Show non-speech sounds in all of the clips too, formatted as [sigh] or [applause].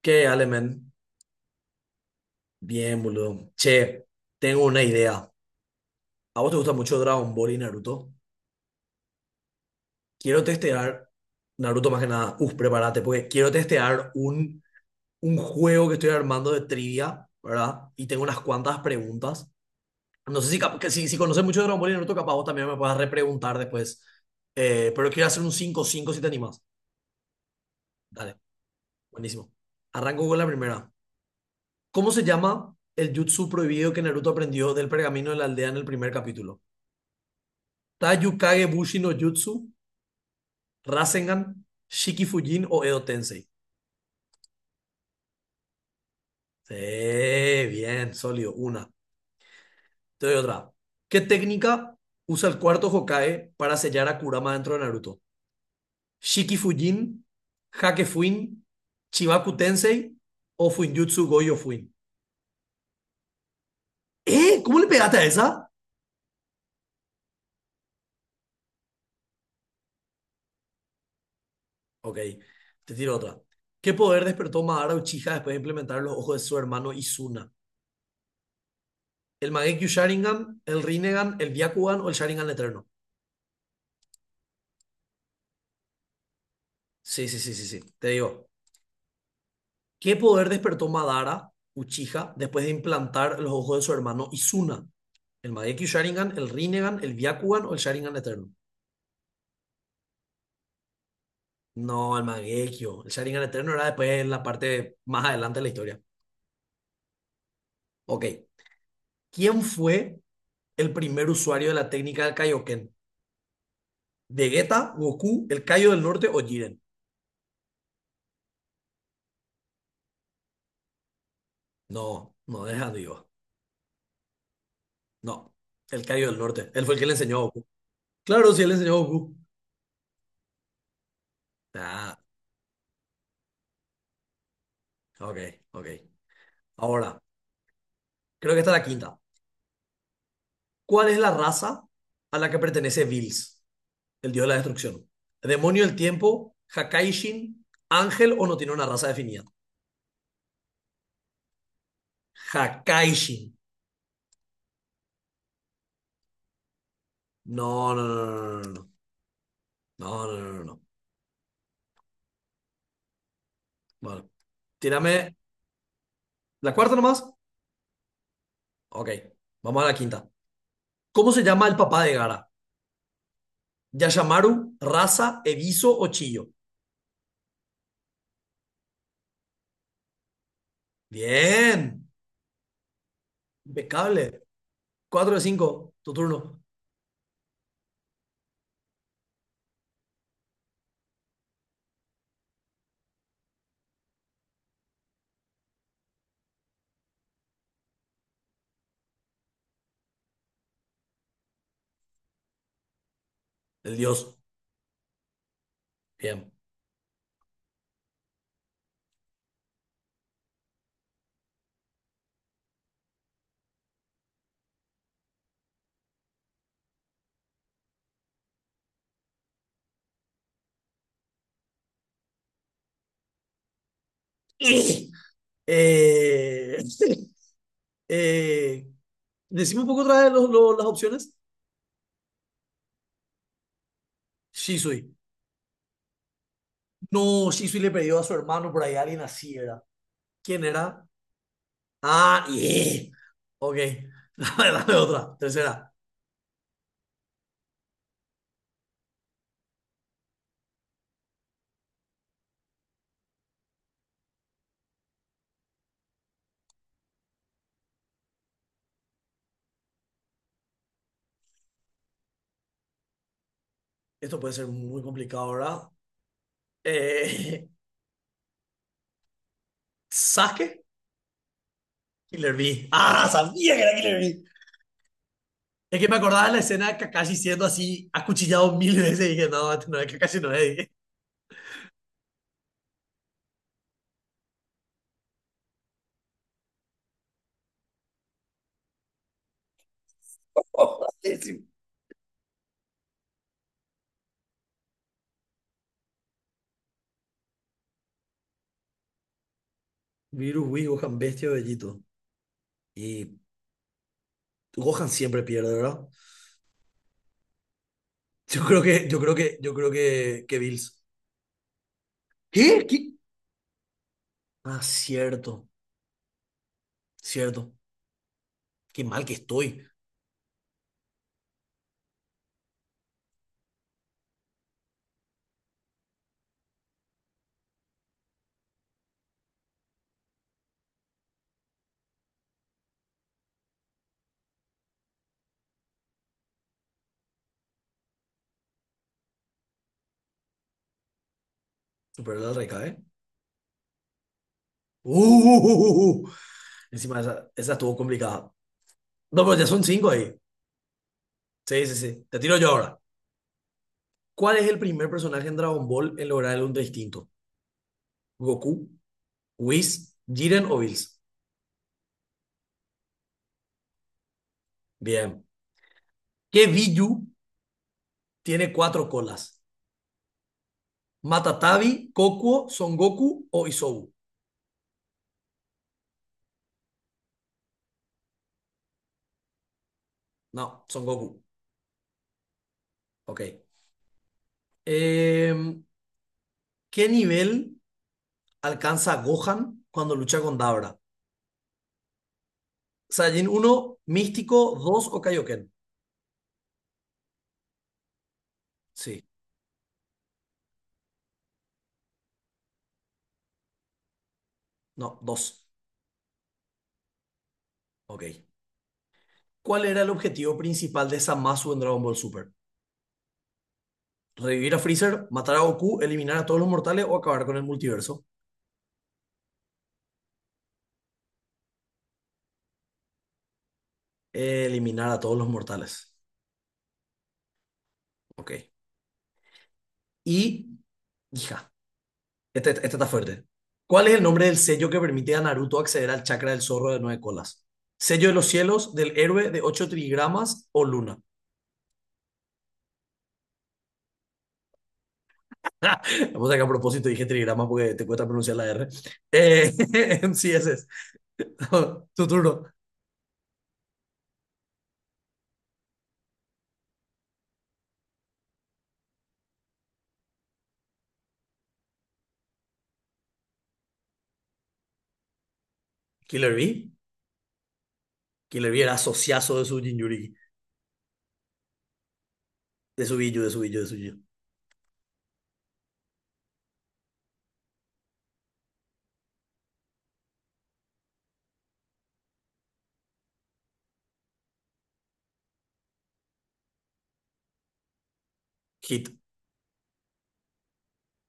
¿Qué, Alemen? Bien, boludo. Che, tengo una idea. ¿A vos te gusta mucho Dragon Ball y Naruto? Quiero testear, Naruto más que nada, uf, prepárate, porque quiero testear un juego que estoy armando de trivia, ¿verdad? Y tengo unas cuantas preguntas. No sé si, cap- que si, si conoces mucho Dragon Ball y Naruto, capaz vos también me puedas repreguntar después. Pero quiero hacer un 5-5 si te animas. Dale, buenísimo. Arranco con la primera. ¿Cómo se llama el jutsu prohibido que Naruto aprendió del pergamino de la aldea en el primer capítulo? Ta Yukage Bushi no Jutsu, Rasengan, Shiki Fujin o Edo Tensei. Sí, bien, sólido. Una. Te doy otra. ¿Qué técnica usa el cuarto Hokage para sellar a Kurama dentro de Naruto? ¿Shiki Fujin, Hake Fuin, Chibaku Tensei o Fuinjutsu Goyo Fuin? ¿Eh? ¿Cómo le pegaste a esa? Ok, te tiro otra. ¿Qué poder despertó Madara Uchiha después de implementar los ojos de su hermano Izuna? ¿El Mangekyou Sharingan, el Rinnegan, el Byakugan o el Sharingan Eterno? Sí, sí, sí, sí, sí. Te digo, ¿qué poder despertó Madara Uchiha después de implantar los ojos de su hermano Izuna? ¿El Mangekyou Sharingan, el Rinnegan, el Byakugan o el Sharingan Eterno? No, el Mangekyou. El Sharingan Eterno era después en la parte más adelante de la historia. Ok. ¿Quién fue el primer usuario de la técnica del Kaioken? ¿Vegeta, Goku, el Kaio del Norte o Jiren? No, no, deja de ir. No, el Kaio del Norte. Él fue el que le enseñó a Goku. Claro, sí, él le enseñó a Goku. Ah, ok, ok. Ahora. Creo que esta es la quinta. ¿Cuál es la raza a la que pertenece Bills, el dios de la destrucción? ¿Demonio del tiempo? ¿Hakaishin? ¿Ángel o no tiene una raza definida? Hakaishin. No, no, no, no, no, no, no, no, no, no. Bueno, tírame la cuarta nomás. Ok, vamos a la quinta. ¿Cómo se llama el papá de Gara? ¿Yashamaru, Raza, Eviso o Chillo? Bien, impecable. Cuatro de cinco. Tu turno. El dios. Bien. [laughs] Eh, Eh, decime un poco otra vez las opciones. Shisui. No, Shisui le perdió a su hermano por ahí, alguien así era. ¿Quién era? Ah, yeah. Ok. [laughs] Dame otra. Tercera. Esto puede ser muy complicado, ¿verdad? Eh, [laughs] Sasuke. Killer Bee. Ah, sabía que era Killer Bee. Es que me acordaba de la escena de Kakashi siendo así acuchillado 1000 veces y dije, no, este no es Kakashi, no es, dije. [laughs] Virus Wii, Gohan bestia o Bellito. Y Gohan siempre pierde, ¿verdad? Yo creo que, yo creo que, yo creo que Bills. ¿Qué? ¿Qué? Ah, cierto, cierto. Qué mal que estoy. Superó la reca, ¿eh? Uh, uh, uh, uh. Encima esa, estuvo complicada. No, pero ya son cinco ahí. Sí, sí, sí. Te tiro yo ahora. ¿Cuál es el primer personaje en Dragon Ball en lograr el Ultra Instinto? ¿Goku, Whis, Jiren o Bills? Bien. ¿Qué Biju tiene cuatro colas? ¿Matatabi, Kokuo, Son Goku o Isobu? No, Son Goku. Ok. Eh, ¿qué nivel alcanza Gohan cuando lucha con Dabra? Saiyajin uno Místico, 2 o Kaioken. Sí, no, dos. Ok. ¿Cuál era el objetivo principal de Zamasu en Dragon Ball Super? ¿Revivir a Freezer, matar a Goku, eliminar a todos los mortales o acabar con el multiverso? Eliminar a todos los mortales. Ok. Y, hija, este está fuerte. ¿Cuál es el nombre del sello que permite a Naruto acceder al chakra del zorro de nueve colas? ¿Sello de los cielos, del héroe de ocho trigramas o luna? Vamos a sacar a propósito dije trigrama porque te cuesta pronunciar la R. Eh, [laughs] en CSS. [laughs] Tu turno. Killer B. Killer B era asociazo de su Jinjuriki. De su Biju, de su Biju, de su Biju. Hit.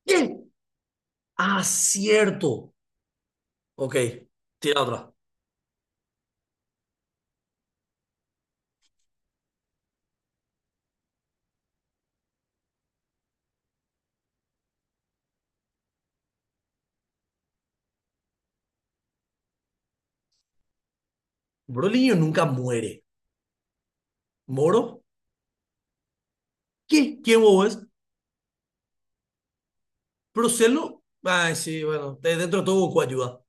¿Qué? Ah, cierto. Ok. Tira otra. Brolinho nunca muere. ¿Moro? ¿Qué? ¿Quién vos es? ¿Procelo? Ay, sí, bueno. Dentro de todo Goku ayuda.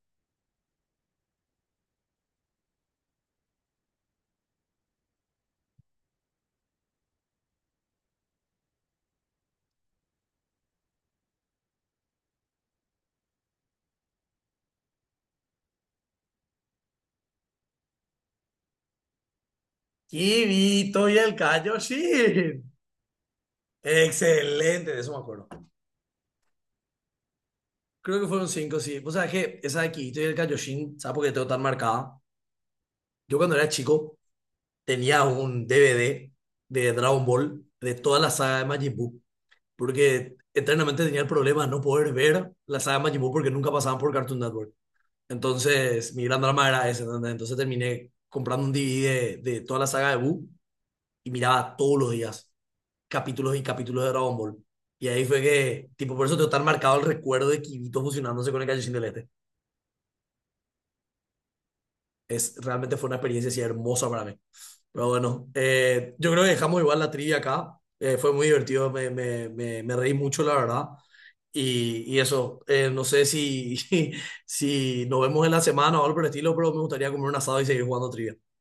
Kibito y el Kaioshin. Excelente, de eso me acuerdo. Creo que fueron cinco, sí. Vos sabés que esa de quito y el Kaioshin, ¿sabes por qué tengo tan marcada? Yo cuando era chico tenía un DVD de Dragon Ball de toda la saga de Majin Buu, porque eternamente tenía el problema de no poder ver la saga de Majin Buu porque nunca pasaban por Cartoon Network. Entonces, mi gran drama era ese, ¿entendés? Entonces terminé comprando un DVD de toda la saga de Buu y miraba todos los días capítulos y capítulos de Dragon Ball. Y ahí fue que, tipo, por eso tengo tan marcado el recuerdo de Kirito fusionándose con el Kaioshin del Este. Es, realmente fue una experiencia así hermosa para mí. Pero bueno, yo creo que dejamos igual la trivia acá. Fue muy divertido, me reí mucho, la verdad. Y eso, no sé si, [laughs] si nos vemos en la semana o algo por el estilo, pero me gustaría comer un asado y seguir jugando trivia.